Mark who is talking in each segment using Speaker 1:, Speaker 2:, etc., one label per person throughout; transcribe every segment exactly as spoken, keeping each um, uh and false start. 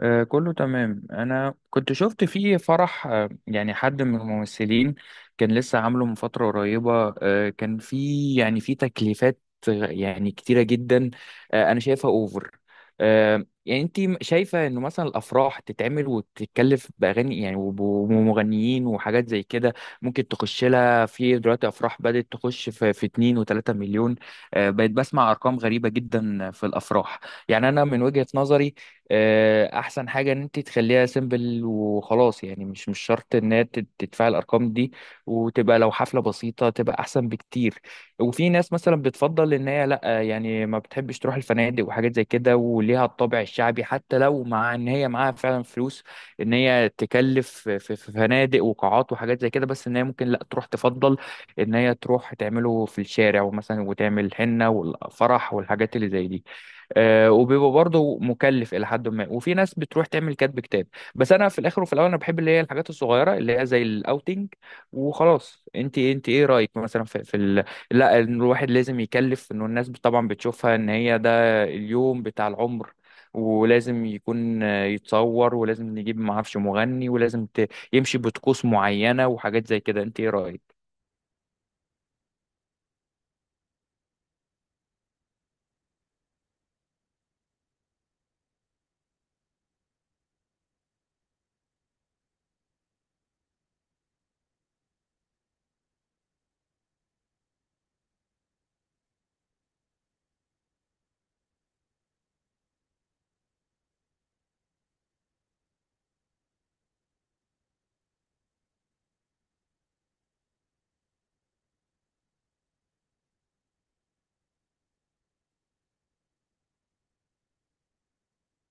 Speaker 1: آه، كله تمام. انا كنت شفت فيه فرح، آه، يعني حد من الممثلين كان لسه عامله من فترة قريبة. آه، كان فيه يعني فيه تكليفات آه، يعني كتيرة جدا. آه، انا شايفها اوفر. يعني انت شايفة انه مثلا الافراح تتعمل وتتكلف باغاني، يعني وب- ومغنيين وحاجات زي كده ممكن تخش لها. في دلوقتي افراح بدأت تخش في في اتنين و3 مليون. آه، بقيت بسمع ارقام غريبة جدا في الافراح. يعني انا من وجهة نظري، آه، احسن حاجه ان انت تخليها سيمبل وخلاص. يعني مش مش شرط ان هي تت- تدفع الارقام دي، وتبقى لو حفله بسيطه تبقى احسن بكتير. وفي ناس مثلا بتفضل ان هي لا، يعني ما بتحبش تروح الفنادق وحاجات زي كده، وليها الطابع الشعبي، حتى لو مع ان هي معاها فعلا فلوس، ان هي تكلف في في في فنادق وقاعات وحاجات زي كده، بس ان هي ممكن لا تروح، تفضل ان هي تروح تعمله في الشارع، ومثلا وتعمل الحنه والفرح والحاجات اللي زي دي. آه، وبيبقى برضه مكلف الى حد ما. وفي ناس بتروح تعمل كاتب كتاب. بس انا في الاخر وفي الاول انا بحب اللي هي الحاجات الصغيره اللي هي زي الاوتنج وخلاص. انت انت ايه رايك مثلا في, في ال... لا، إن الواحد لازم يكلف، انه الناس طبعا بتشوفها ان هي ده اليوم بتاع العمر، ولازم يكون آه، يتصور، ولازم نجيب معرفش مغني، ولازم ت... يمشي بطقوس معينه وحاجات زي كده. انت ايه رايك؟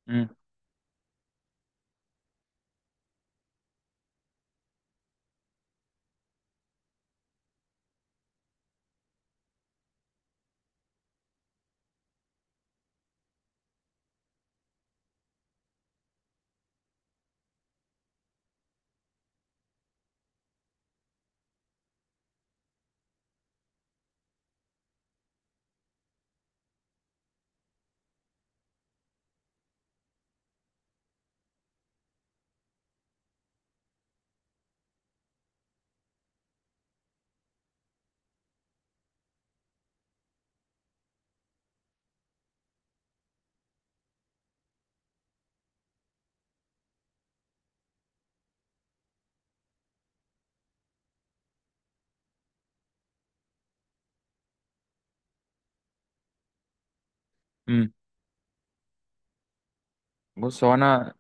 Speaker 1: مم. مم. بص هو انا،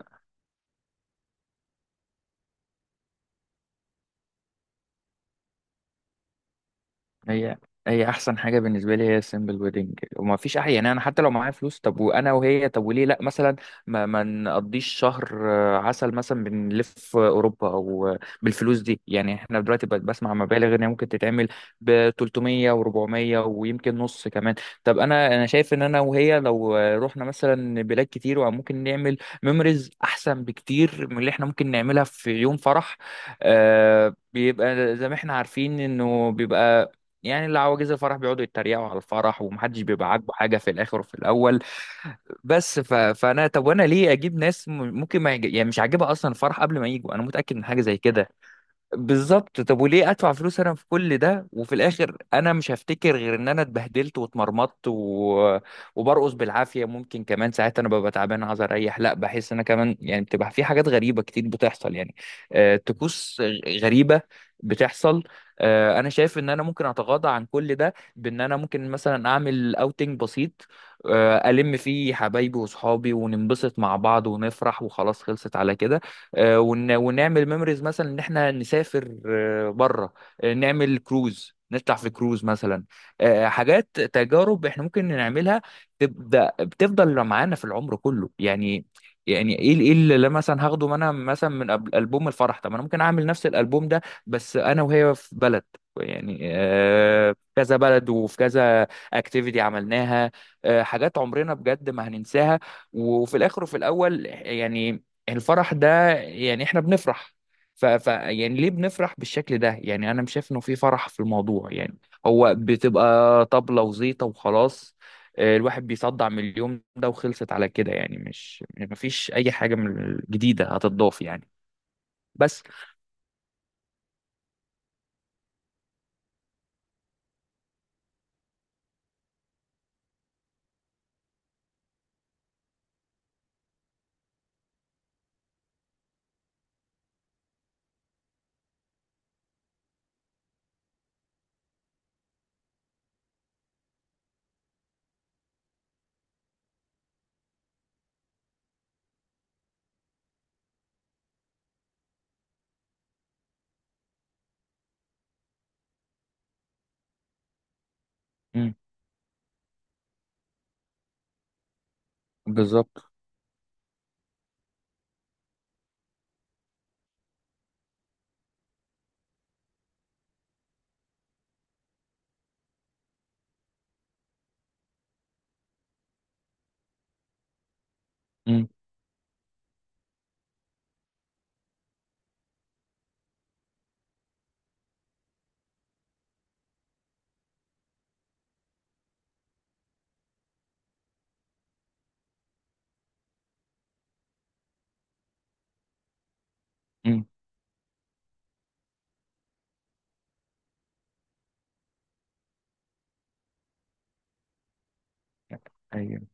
Speaker 1: هي هي احسن حاجه بالنسبه لي، هي السيمبل ويدنج. وما فيش، احيانا يعني انا حتى لو معايا فلوس، طب وانا وهي، طب وليه لا مثلا ما, ما نقضيش شهر آه، عسل مثلا، بنلف اوروبا، او آه، بالفلوس دي. يعني احنا دلوقتي بقت بسمع مبالغ ان هي ممكن تتعمل ب تلتمية و400 ويمكن نص كمان. طب انا انا شايف ان انا وهي لو آه، رحنا مثلا بلاد كتير، وممكن نعمل ميموريز احسن بكتير من اللي احنا ممكن نعملها في يوم فرح. آه، بيبقى زي ما احنا عارفين انه بيبقى، يعني اللي عواجيز الفرح بيقعدوا يتريقوا على الفرح، ومحدش بيبقى عاجبه حاجه في الاخر وفي الاول. بس ف... فانا، طب وانا ليه اجيب ناس م- ممكن ما يج... يعني مش عاجبها اصلا الفرح قبل ما يجوا؟ انا متاكد من حاجه زي كده. بالظبط. طب وليه ادفع فلوس انا في كل ده، وفي الاخر انا مش هفتكر غير ان انا اتبهدلت واتمرمطت و... وبرقص بالعافيه. ممكن كمان ساعات انا ببقى تعبان عايز اريح، لا بحس ان انا كمان، يعني بتبقى في حاجات غريبه كتير بتحصل يعني. آه، طقوس غريبه بتحصل. آه، انا شايف ان انا ممكن اتغاضى عن كل ده، بان انا ممكن مثلا اعمل اوتنج بسيط، آه، الم فيه حبايبي واصحابي، وننبسط مع بعض ونفرح وخلاص، خلصت على كده. آه، ون- ونعمل ميموريز، مثلا ان احنا نسافر آه، بره، آه، نعمل كروز، نطلع في كروز مثلا، آه، حاجات، تجارب احنا ممكن نعملها تبدا بتفضل معانا في العمر كله. يعني يعني ايه ايه اللي مثلا هاخده انا مثلا من أب- البوم الفرح؟ طب انا ممكن اعمل نفس الالبوم ده بس انا وهي في بلد، يعني آه، في كذا بلد، وفي كذا اكتيفيتي عملناها، آه، حاجات عمرنا بجد ما هننساها. وفي الاخر وفي الاول يعني، الفرح ده يعني احنا بنفرح؟ ف... ف يعني ليه بنفرح بالشكل ده؟ يعني انا مش شايف انه في فرح في الموضوع يعني. هو بتبقى طبلة وزيطة وخلاص. آه، الواحد بيصدع من اليوم ده، وخلصت على كده. يعني مش، مفيش اي حاجة من الجديدة هتضاف يعني. بس. مم. بالظبط. مم. مم.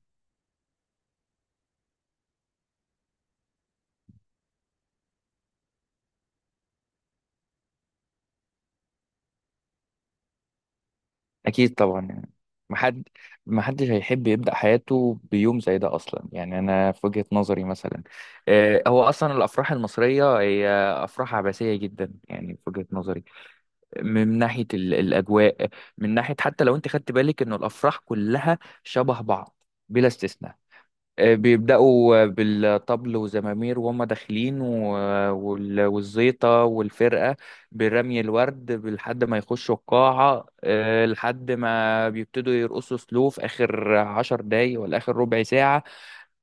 Speaker 1: اكيد طبعا يعني، محد محدش هيحب يبدا حياته بيوم زي ده اصلا. يعني انا في وجهه نظري مثلا، آه، هو اصلا الافراح المصريه هي افراح عباسيه جدا، يعني في وجهه نظري، من ناحيه ال- الاجواء، من ناحيه حتى لو انت خدت بالك انه الافراح كلها شبه بعض بلا استثناء. آه، بيبدأوا آه، بالطبل وزمامير وهم داخلين و- آه، وال- والزيطة والفرقة برمي الورد لحد ما يخشوا القاعة، آه، لحد ما بيبتدوا يرقصوا سلو في آخر عشر دقايق، ولا آخر ربع ساعة.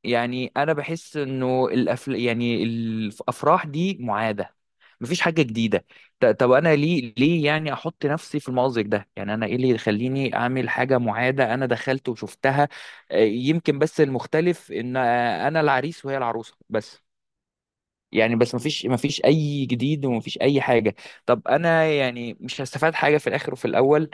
Speaker 1: يعني انا بحس انه الأفل... يعني الافراح دي معاده، مفيش حاجه جديده. ط- طب انا ليه ليه يعني احط نفسي في المأزق ده؟ يعني انا ايه اللي يخليني اعمل حاجه معاده، انا دخلت وشفتها. آه، يمكن بس المختلف ان آه، انا العريس وهي العروسه بس. يعني بس مفيش مفيش اي جديد، ومفيش اي حاجه. طب انا يعني مش هستفاد حاجه في الاخر وفي الاول.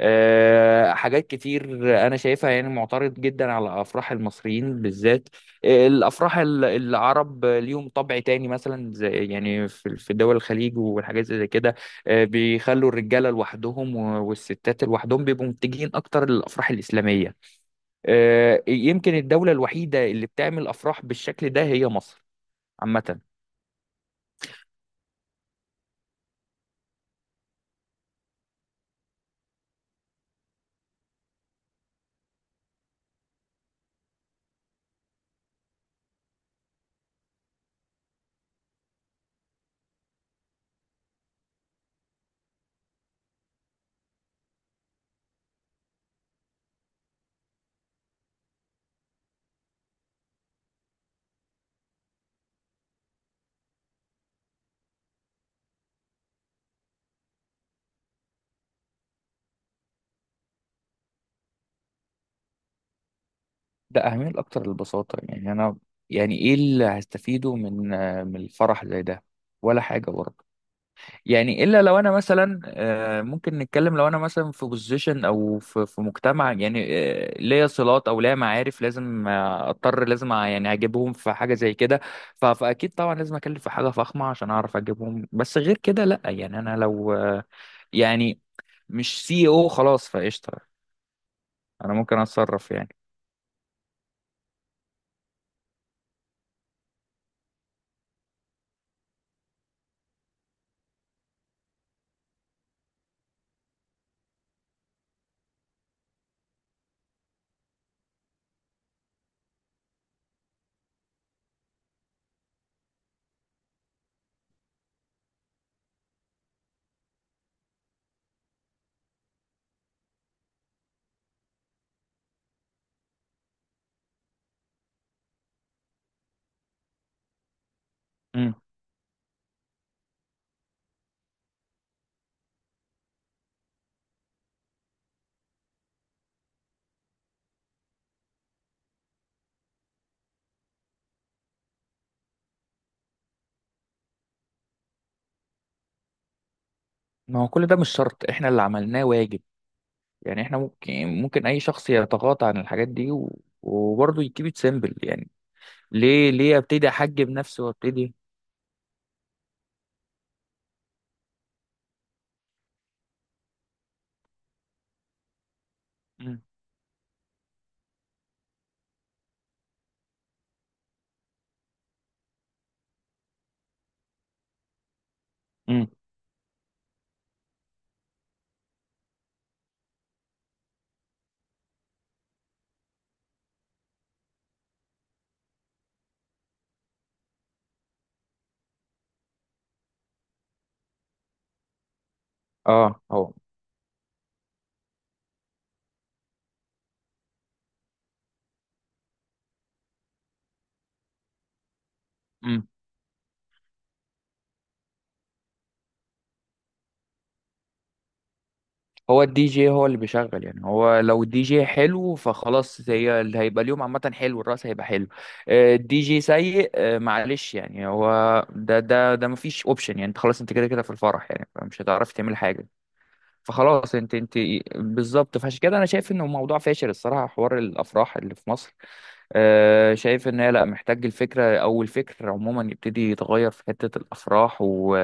Speaker 1: أه، حاجات كتير انا شايفها. يعني معترض جدا على افراح المصريين بالذات. آه، الافراح ال- العرب ليهم طبع تاني، مثلا زي يعني في في دول الخليج والحاجات زي كده. آه، بيخلوا الرجاله لوحدهم و- والستات لوحدهم، بيبقوا متجهين اكتر للافراح الاسلاميه. أه يمكن الدوله الوحيده اللي بتعمل افراح بالشكل ده هي مصر عامة. ده أهمية الأكتر للبساطة يعني أنا. يعني إيه اللي هستفيده من آه، من الفرح زي ده؟ ولا حاجة برضه. يعني إلا لو أنا مثلا، آه، ممكن نتكلم، لو أنا مثلا في بوزيشن أو في في مجتمع يعني، آه، ليا صلات أو ليا معارف، لازم آه، أضطر، لازم أ- يعني أجيبهم في حاجة زي كده. ف- فأكيد طبعا لازم أكلف في حاجة فخمة عشان أعرف أجيبهم. بس غير كده لأ. يعني أنا لو آه، يعني مش سي او خلاص فقشطة. أنا ممكن أتصرف يعني. ما هو كل ده مش شرط، احنا اللي عملناه واجب. يعني احنا ممكن ممكن اي شخص يتغاضى عن الحاجات دي و... وبرضه يكيب ات سيمبل يعني. ليه ليه ابتدي احجب نفسي وابتدي؟ مم. مم. اه هو. مم. هو الدي جي هو اللي بيشغل يعني. هو لو الدي جي حلو فخلاص، هي اللي هيبقى اليوم، عامة حلو، الرأس هيبقى حلو. آه، الدي جي سيء، آه، معلش يعني. هو ده ده ده مفيش اوبشن يعني. انت خلاص، انت كده كده في الفرح، يعني فمش هتعرفي تعملي حاجة. فخلاص، انت انت بالظبط. فعشان كده انا شايف انه موضوع فاشل الصراحه، حوار الافراح اللي في مصر. آه، شايف ان هي لا، محتاج الفكره او الفكر عموما يبتدي يتغير في حته الافراح و...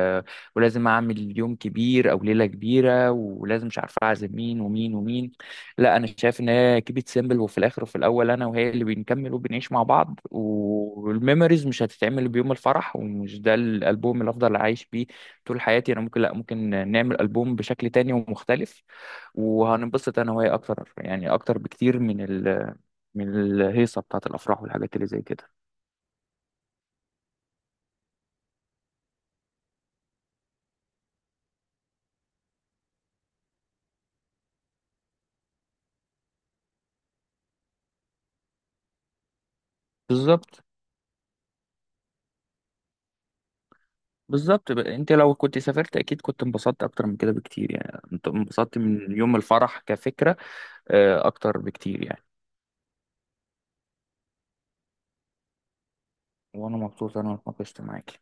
Speaker 1: ولازم اعمل يوم كبير او ليله كبيره، ولازم مش عارف اعزم مين ومين ومين. لا انا شايف ان هي كيبت سيمبل، وفي الاخر وفي الاول انا وهي اللي بنكمل وبنعيش مع بعض، والميموريز مش هتتعمل بيوم الفرح، ومش ده الالبوم اللي افضل عايش بيه طول حياتي. انا ممكن، لا، ممكن نعمل البوم بشكل تاني ومختلف، وهننبسط انا وهي اكتر يعني، اكتر بكتير من ال من الهيصة بتاعت الأفراح والحاجات اللي زي كده. بالظبط. بالظبط بقى. أنت لو كنت سافرت، أكيد كنت انبسطت أكتر من كده بكتير. يعني أنت انبسطت من يوم الفرح كفكرة، آه، أكتر بكتير يعني. وأنا مبسوط أنا اتناقشت معاك.